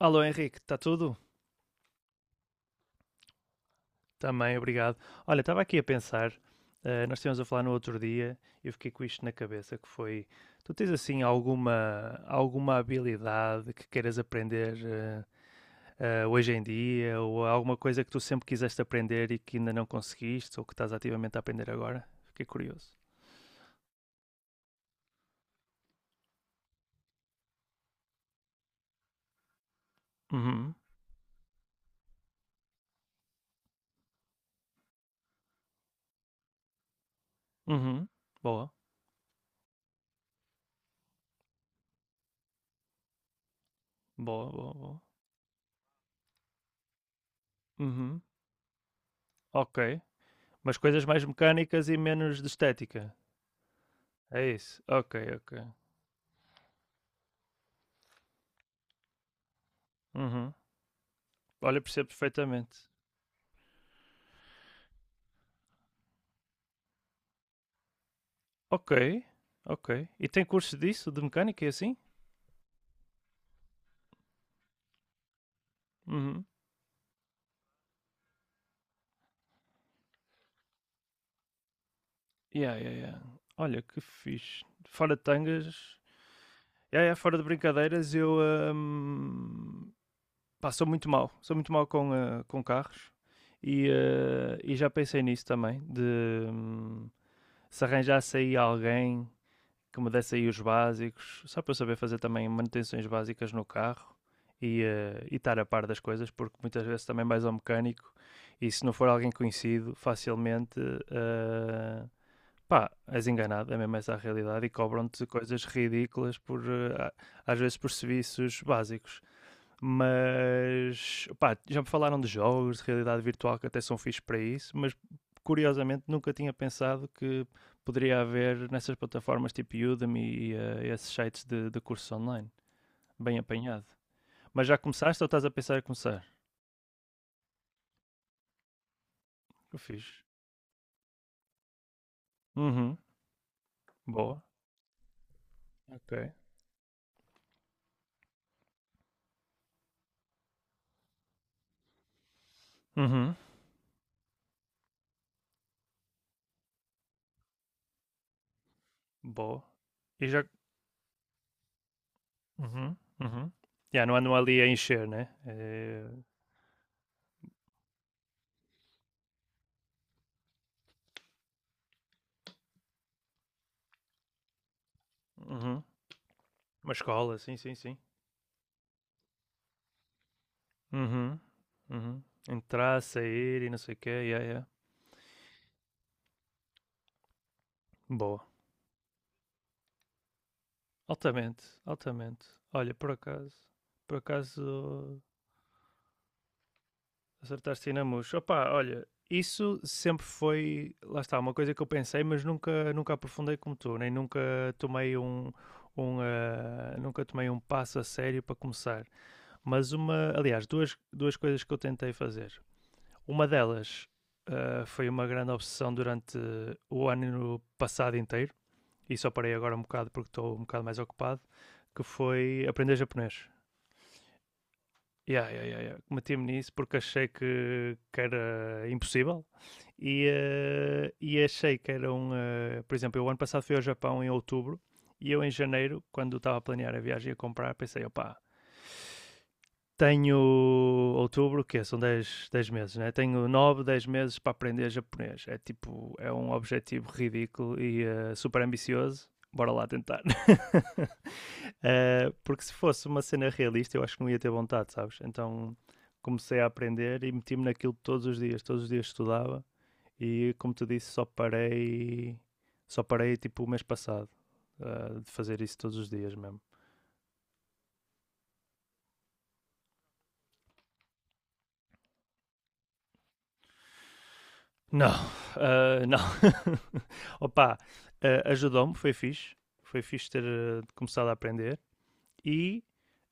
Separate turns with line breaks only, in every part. Alô Henrique, está tudo? Também, obrigado. Olha, estava aqui a pensar, nós estivemos a falar no outro dia e eu fiquei com isto na cabeça, que foi, tu tens assim alguma habilidade que queiras aprender hoje em dia, ou alguma coisa que tu sempre quiseste aprender e que ainda não conseguiste, ou que estás ativamente a aprender agora? Fiquei curioso. Uhum, uhum, boa, boa, boa, boa. Uhum, ok. Mas coisas mais mecânicas e menos de estética, é isso? Ok, ok. Uhum. Olha, percebo perfeitamente. Ok, ok. E tem curso disso, de mecânica e assim? Uhum. Yeah, yeah, yeah. Olha, que fixe. Fora de tangas, yeah, yeah, fora de brincadeiras, eu pá, sou muito mal. Sou muito mal com, com carros e, e já pensei nisso também, de hum, se arranjasse aí alguém que me desse aí os básicos, só para eu saber fazer também manutenções básicas no carro e, e estar a par das coisas, porque muitas vezes também vais ao mecânico e se não for alguém conhecido, facilmente eh, pá, és enganado, é mesmo essa a realidade, e cobram-te coisas ridículas por às vezes por serviços básicos. Mas pá, já me falaram de jogos de realidade virtual que até são fixos para isso, mas curiosamente nunca tinha pensado que poderia haver nessas plataformas tipo Udemy e esses sites de cursos online. Bem apanhado. Mas já começaste ou estás a pensar em começar? Eu fiz. Uhum. Boa. Ok. Uhum. Boa. E já. Uhum. Uhum. Já não ando ali a encher, né? É. Uhum. Uma escola, sim, sim, sim. Uhum, uhum. Entrar, sair e não sei o quê, yeah, yeah. Boa. Altamente, altamente. Olha, por acaso acertaste aí na mousse. Opa, olha, isso sempre foi, lá está, uma coisa que eu pensei, mas nunca, nunca aprofundei como tu, nem nunca tomei um, um, ah, nunca tomei um passo a sério para começar. Mas uma, aliás, duas coisas que eu tentei fazer. Uma delas foi uma grande obsessão durante o ano passado inteiro e só parei agora um bocado porque estou um bocado mais ocupado, que foi aprender japonês. Yeah, yeah, yeah, yeah. Meti-me nisso porque achei que era impossível e, e achei que era um. Por exemplo, eu ano passado fui ao Japão em outubro e eu em janeiro, quando estava a planear a viagem e a comprar, pensei, opá, tenho outubro, que é? São dez meses, né? Tenho 9 10 meses para aprender japonês. É tipo, é um objetivo ridículo e super ambicioso. Bora lá tentar. Porque se fosse uma cena realista, eu acho que não ia ter vontade, sabes? Então comecei a aprender e meti-me naquilo todos os dias. Todos os dias estudava e, como te disse, só parei tipo o mês passado de fazer isso todos os dias mesmo. Não, não. Opa, ajudou-me, foi fixe. Foi fixe ter começado a aprender. E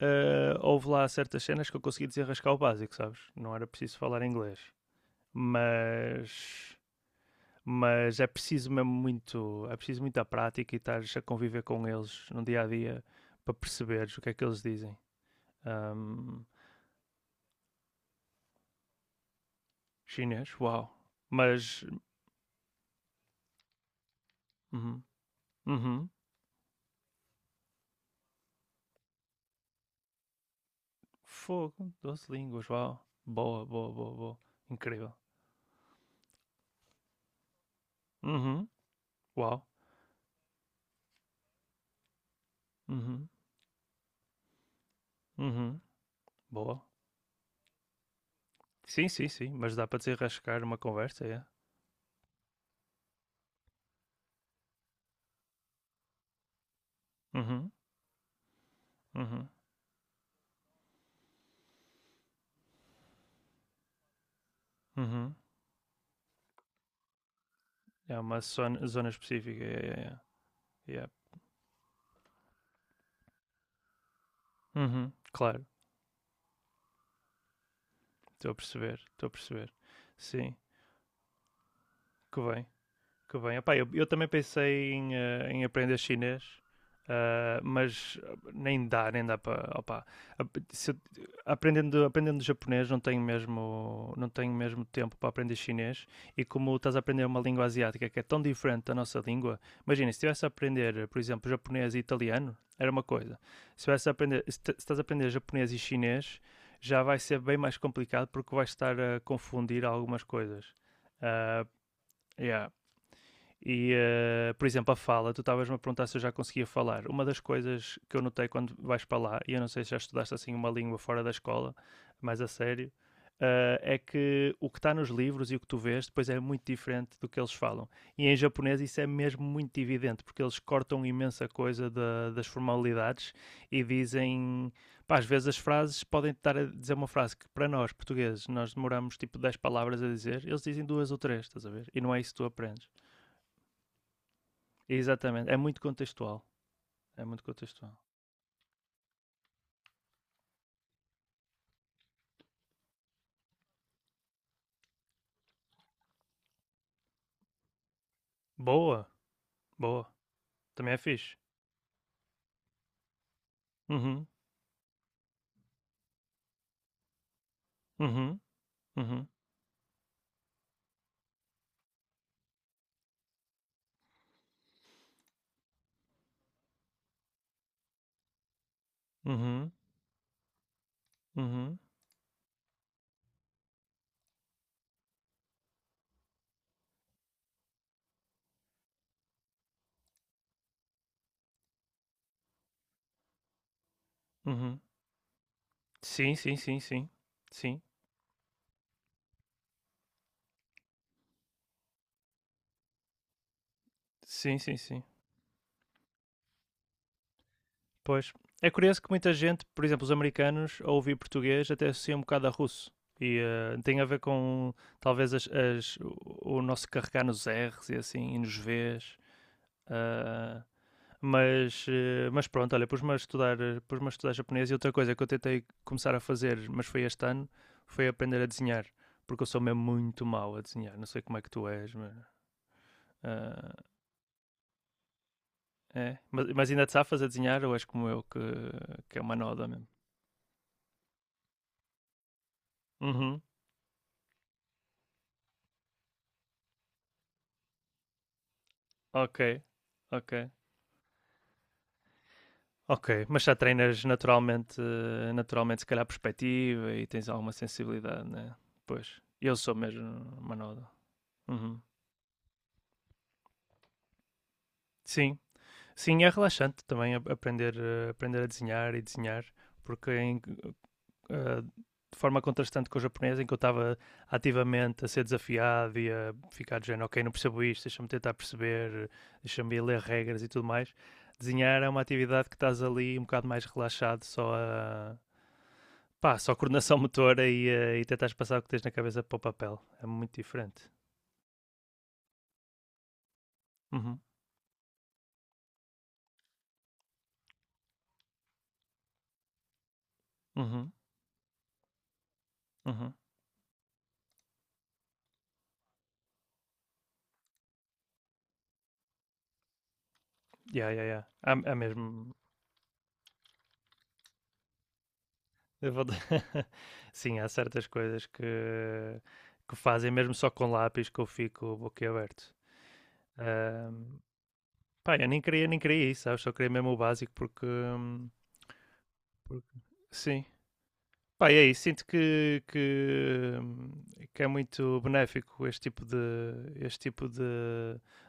houve lá certas cenas que eu consegui desenrascar o básico, sabes? Não era preciso falar inglês. Mas, mas é preciso mesmo muito, é preciso muita prática e estar a conviver com eles no dia a dia para perceberes o que é que eles dizem. Ahm, chinês, uau. Mas, uhum, uhum, Fogo, 12 línguas, uau. Boa, boa, boa, boa. Incrível. Uhum, uau. Uhum, uhum, boa. Sim, sim, sim, mas dá para desenrascar uma conversa, é. Uhum, uhum, uhum. É uma zona específica, é, é, é. É. Uhum, claro, estou a perceber, estou a perceber. Sim, que bem. Que bem. Epá, eu também pensei em, em aprender chinês, mas nem dá para. Opá. Aprendendo japonês, não tenho mesmo tempo para aprender chinês. E como estás a aprender uma língua asiática que é tão diferente da nossa língua, imagina, se estivesse a aprender, por exemplo, japonês e italiano, era uma coisa. Se estás a aprender japonês e chinês, já vai ser bem mais complicado porque vais estar a confundir algumas coisas. Ah, yeah. E, por exemplo, a fala, tu estavas-me a perguntar se eu já conseguia falar. Uma das coisas que eu notei quando vais para lá, e eu não sei se já estudaste assim uma língua fora da escola, mas a sério, é que o que está nos livros e o que tu vês depois é muito diferente do que eles falam. E em japonês isso é mesmo muito evidente, porque eles cortam imensa coisa das formalidades e dizem. Pá, às vezes as frases podem estar a dizer uma frase que para nós, portugueses, nós demoramos tipo 10 palavras a dizer, eles dizem duas ou três, estás a ver? E não é isso que tu aprendes. Exatamente, é muito contextual, é muito contextual. Boa, boa, também é fixe. Uhum, uhum, uhum, uhum, uhum, uhum. Sim, sim, sim, sim. Sim, sim, sim, sim. Pois. É curioso que muita gente, por exemplo, os americanos, ao ouvir português, até associa um bocado a russo. E tem a ver com, talvez, o nosso carregar nos R's e assim, e nos V's. Ah, mas pronto, olha, pus-me a estudar japonês e outra coisa que eu tentei começar a fazer, mas foi este ano, foi aprender a desenhar, porque eu sou mesmo muito mau a desenhar, não sei como é que tu és, mas, ah, é. Mas ainda te safas a desenhar ou és como eu que é uma noda mesmo? Uhum, ok, ok. Ok, mas já treinas naturalmente, naturalmente se calhar perspectiva e tens alguma sensibilidade, né? Pois, eu sou mesmo uma noda. Uhum. Sim, Sim, é relaxante também aprender, aprender a desenhar e desenhar, porque eh, de forma contrastante com o japonês, em que eu estava ativamente a ser desafiado e a ficar de género, ok, não percebo isto, deixa-me tentar perceber, deixa-me ir ler regras e tudo mais. Desenhar é uma atividade que estás ali um bocado mais relaxado, pá, só coordenação motora e, e tentares passar o que tens na cabeça para o papel. É muito diferente. Uhum, uhum, uhum. Yeah, yeah, yeah. Há mesmo, Eu vou Sim, há certas coisas que fazem mesmo só com lápis que eu fico boquiaberto. Ahm, pá, eu nem queria isso, sabes? Só queria mesmo o básico porque, porque- sim, Pá, e aí, sinto que, é muito benéfico este tipo de, este tipo de,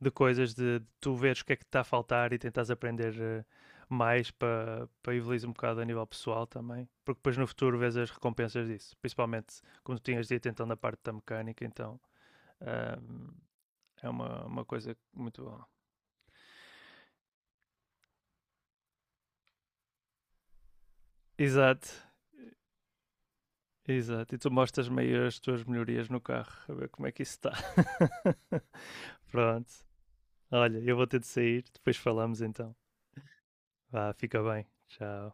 de coisas, de tu veres o que é que te está a faltar e tentares aprender mais para evoluir um bocado a nível pessoal também, porque depois no futuro vês as recompensas disso, principalmente como tu tinhas dito então na parte da mecânica, então ahm, é uma coisa muito boa. Exato, exato, e tu mostras-me as tuas melhorias no carro, a ver como é que isso está. Pronto. Olha, eu vou ter de sair, depois falamos então. Vá, fica bem. Tchau.